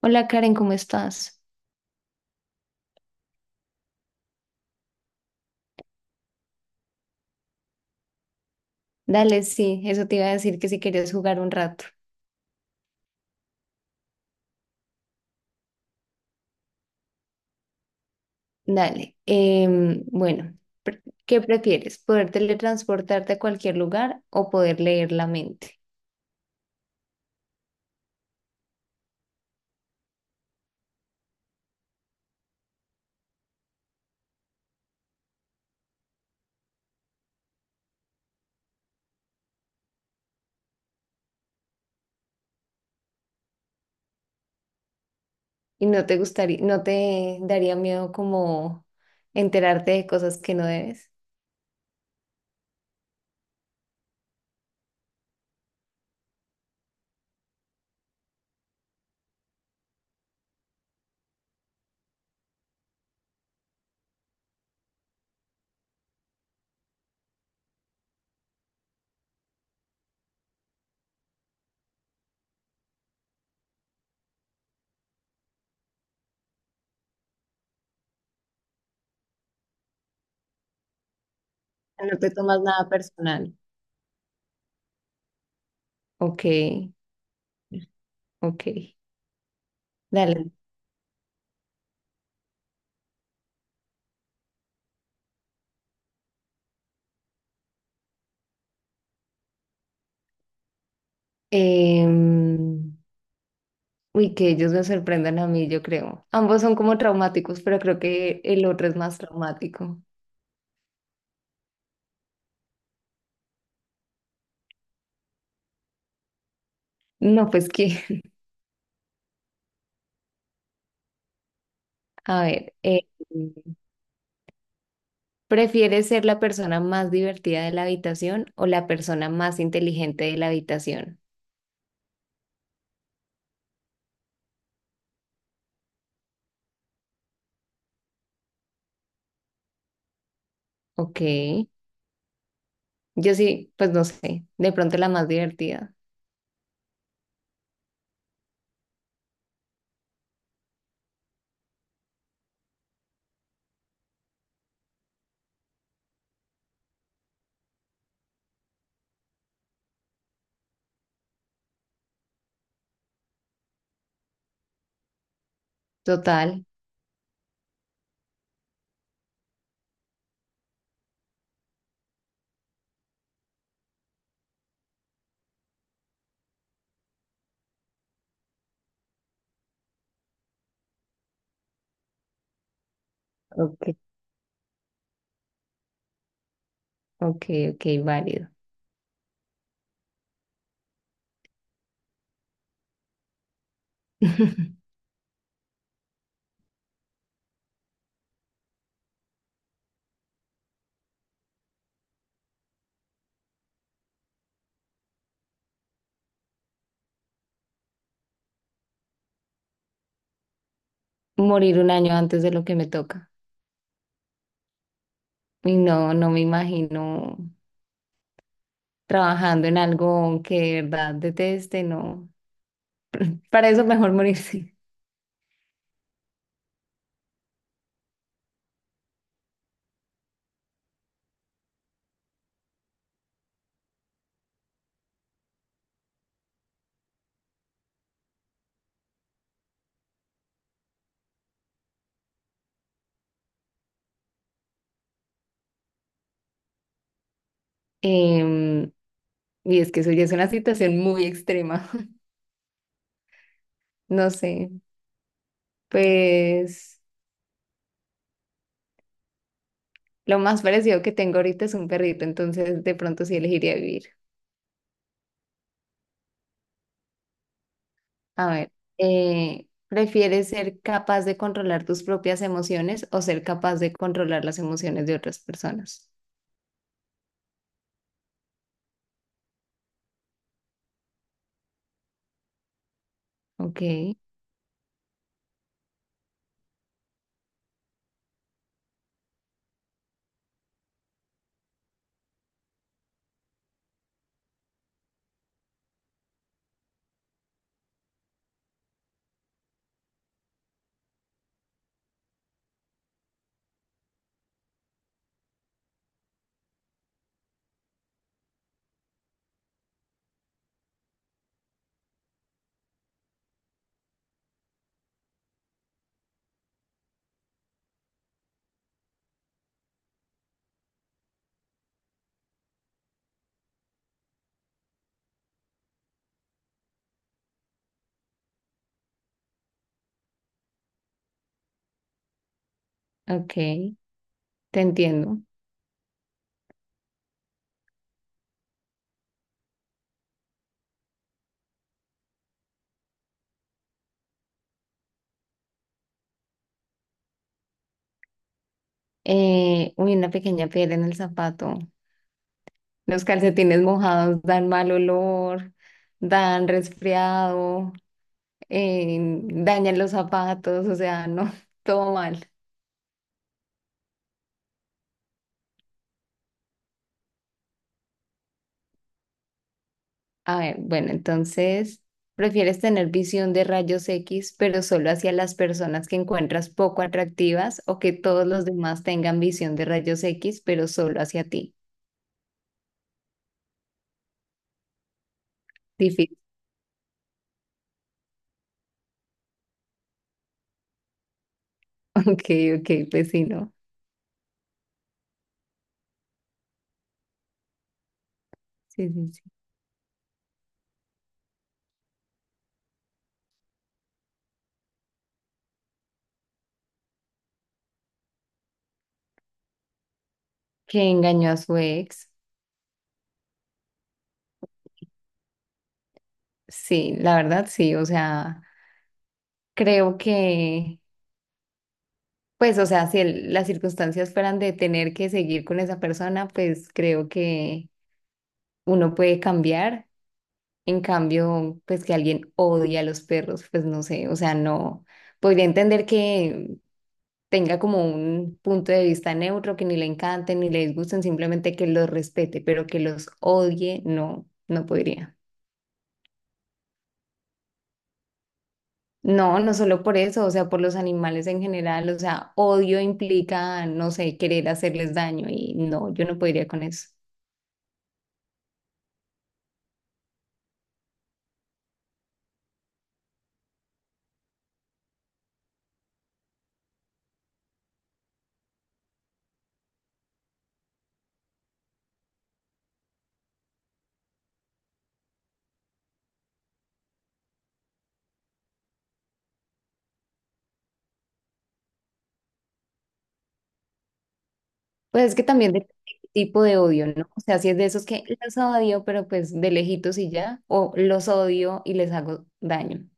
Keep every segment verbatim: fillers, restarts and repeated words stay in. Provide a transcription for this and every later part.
Hola Karen, ¿cómo estás? Dale, sí, eso te iba a decir que si querías jugar un rato. Dale. Em, bueno, pre- ¿qué prefieres? ¿Poder teletransportarte a cualquier lugar o poder leer la mente? ¿Y no te gustaría, no te daría miedo como enterarte de cosas que no debes? No te tomas nada personal. Ok, ok. Dale. Em, Uy, que ellos me sorprendan a mí, yo creo. Ambos son como traumáticos, pero creo que el otro es más traumático. No, pues que, a ver, eh, ¿prefieres ser la persona más divertida de la habitación o la persona más inteligente de la habitación? Ok, yo sí, pues no sé, de pronto la más divertida. Total, ok, ok, ok, válido. Morir un año antes de lo que me toca. Y no, no me imagino trabajando en algo que de verdad deteste, no. Para eso mejor morirse. Em, y es que eso ya es una situación muy extrema. No sé, pues lo más parecido que tengo ahorita es un perrito, entonces de pronto sí elegiría vivir. A ver, eh, ¿prefieres ser capaz de controlar tus propias emociones o ser capaz de controlar las emociones de otras personas? Ok, ok, te entiendo. Eh, uy, una pequeña piedra en el zapato. Los calcetines mojados dan mal olor, dan resfriado, eh, dañan los zapatos, o sea, no, todo mal. A ver, bueno, entonces, ¿prefieres tener visión de rayos X, pero solo hacia las personas que encuentras poco atractivas o que todos los demás tengan visión de rayos X, pero solo hacia ti? Difícil. Ok, ok, pues sí, ¿no? Sí, sí, sí. Que engañó a su ex. Sí, la verdad, sí, o sea, creo que, pues, o sea, si el- las circunstancias fueran de tener que seguir con esa persona, pues creo que uno puede cambiar. En cambio, pues que alguien odie a los perros, pues no sé, o sea, no podría entender que tenga como un punto de vista neutro, que ni le encanten ni le disgusten, simplemente que los respete, pero que los odie, no, no podría. No, no solo por eso, o sea, por los animales en general, o sea, odio implica, no sé, querer hacerles daño y no, yo no podría con eso. Pues es que también depende de qué tipo de odio, ¿no? O sea, si es de esos que los odio, pero pues de lejitos y ya, o los odio y les hago daño.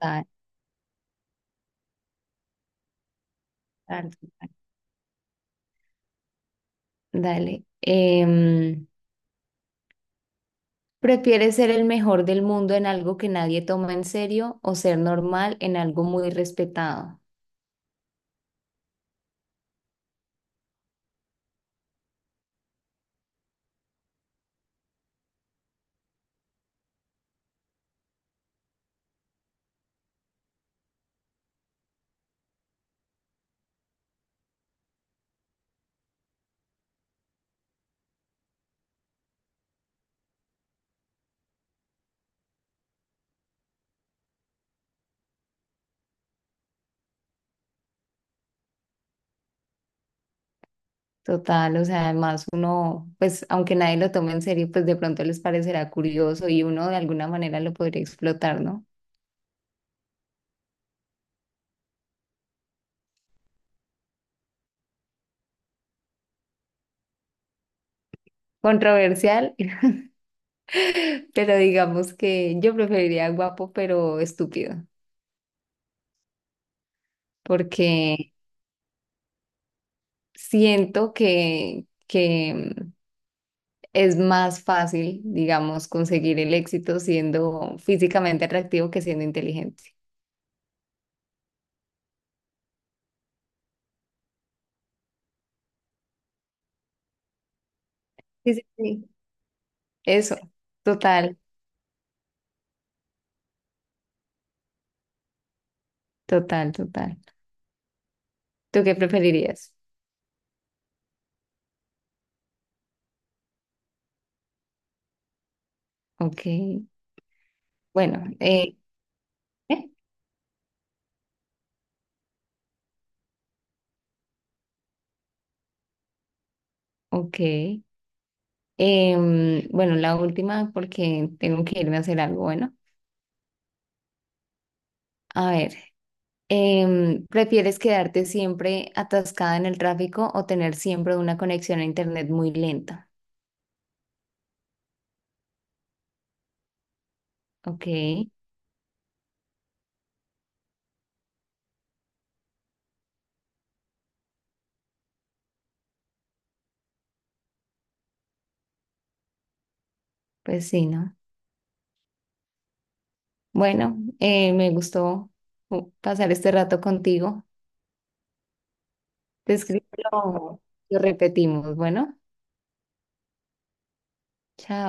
Da- Dale. Dale. Em, ¿prefieres ser el mejor del mundo en algo que nadie toma en serio o ser normal en algo muy respetado? Total, o sea, además uno, pues aunque nadie lo tome en serio, pues de pronto les parecerá curioso y uno de alguna manera lo podría explotar, ¿no? Controversial. Pero digamos que yo preferiría guapo pero estúpido, porque siento que, que es más fácil, digamos, conseguir el éxito siendo físicamente atractivo que siendo inteligente. Sí, sí, sí. Eso, total, total, total. ¿Tú qué preferirías? Ok, bueno, eh, ¿eh? Ok. Em, bueno, la última porque tengo que irme a hacer algo, bueno. A ver. Em, ¿prefieres quedarte siempre atascada en el tráfico o tener siempre una conexión a internet muy lenta? Ok, pues sí, ¿no? Bueno, eh, me gustó uh, pasar este rato contigo. Te escribo, lo lo repetimos. Bueno, chao.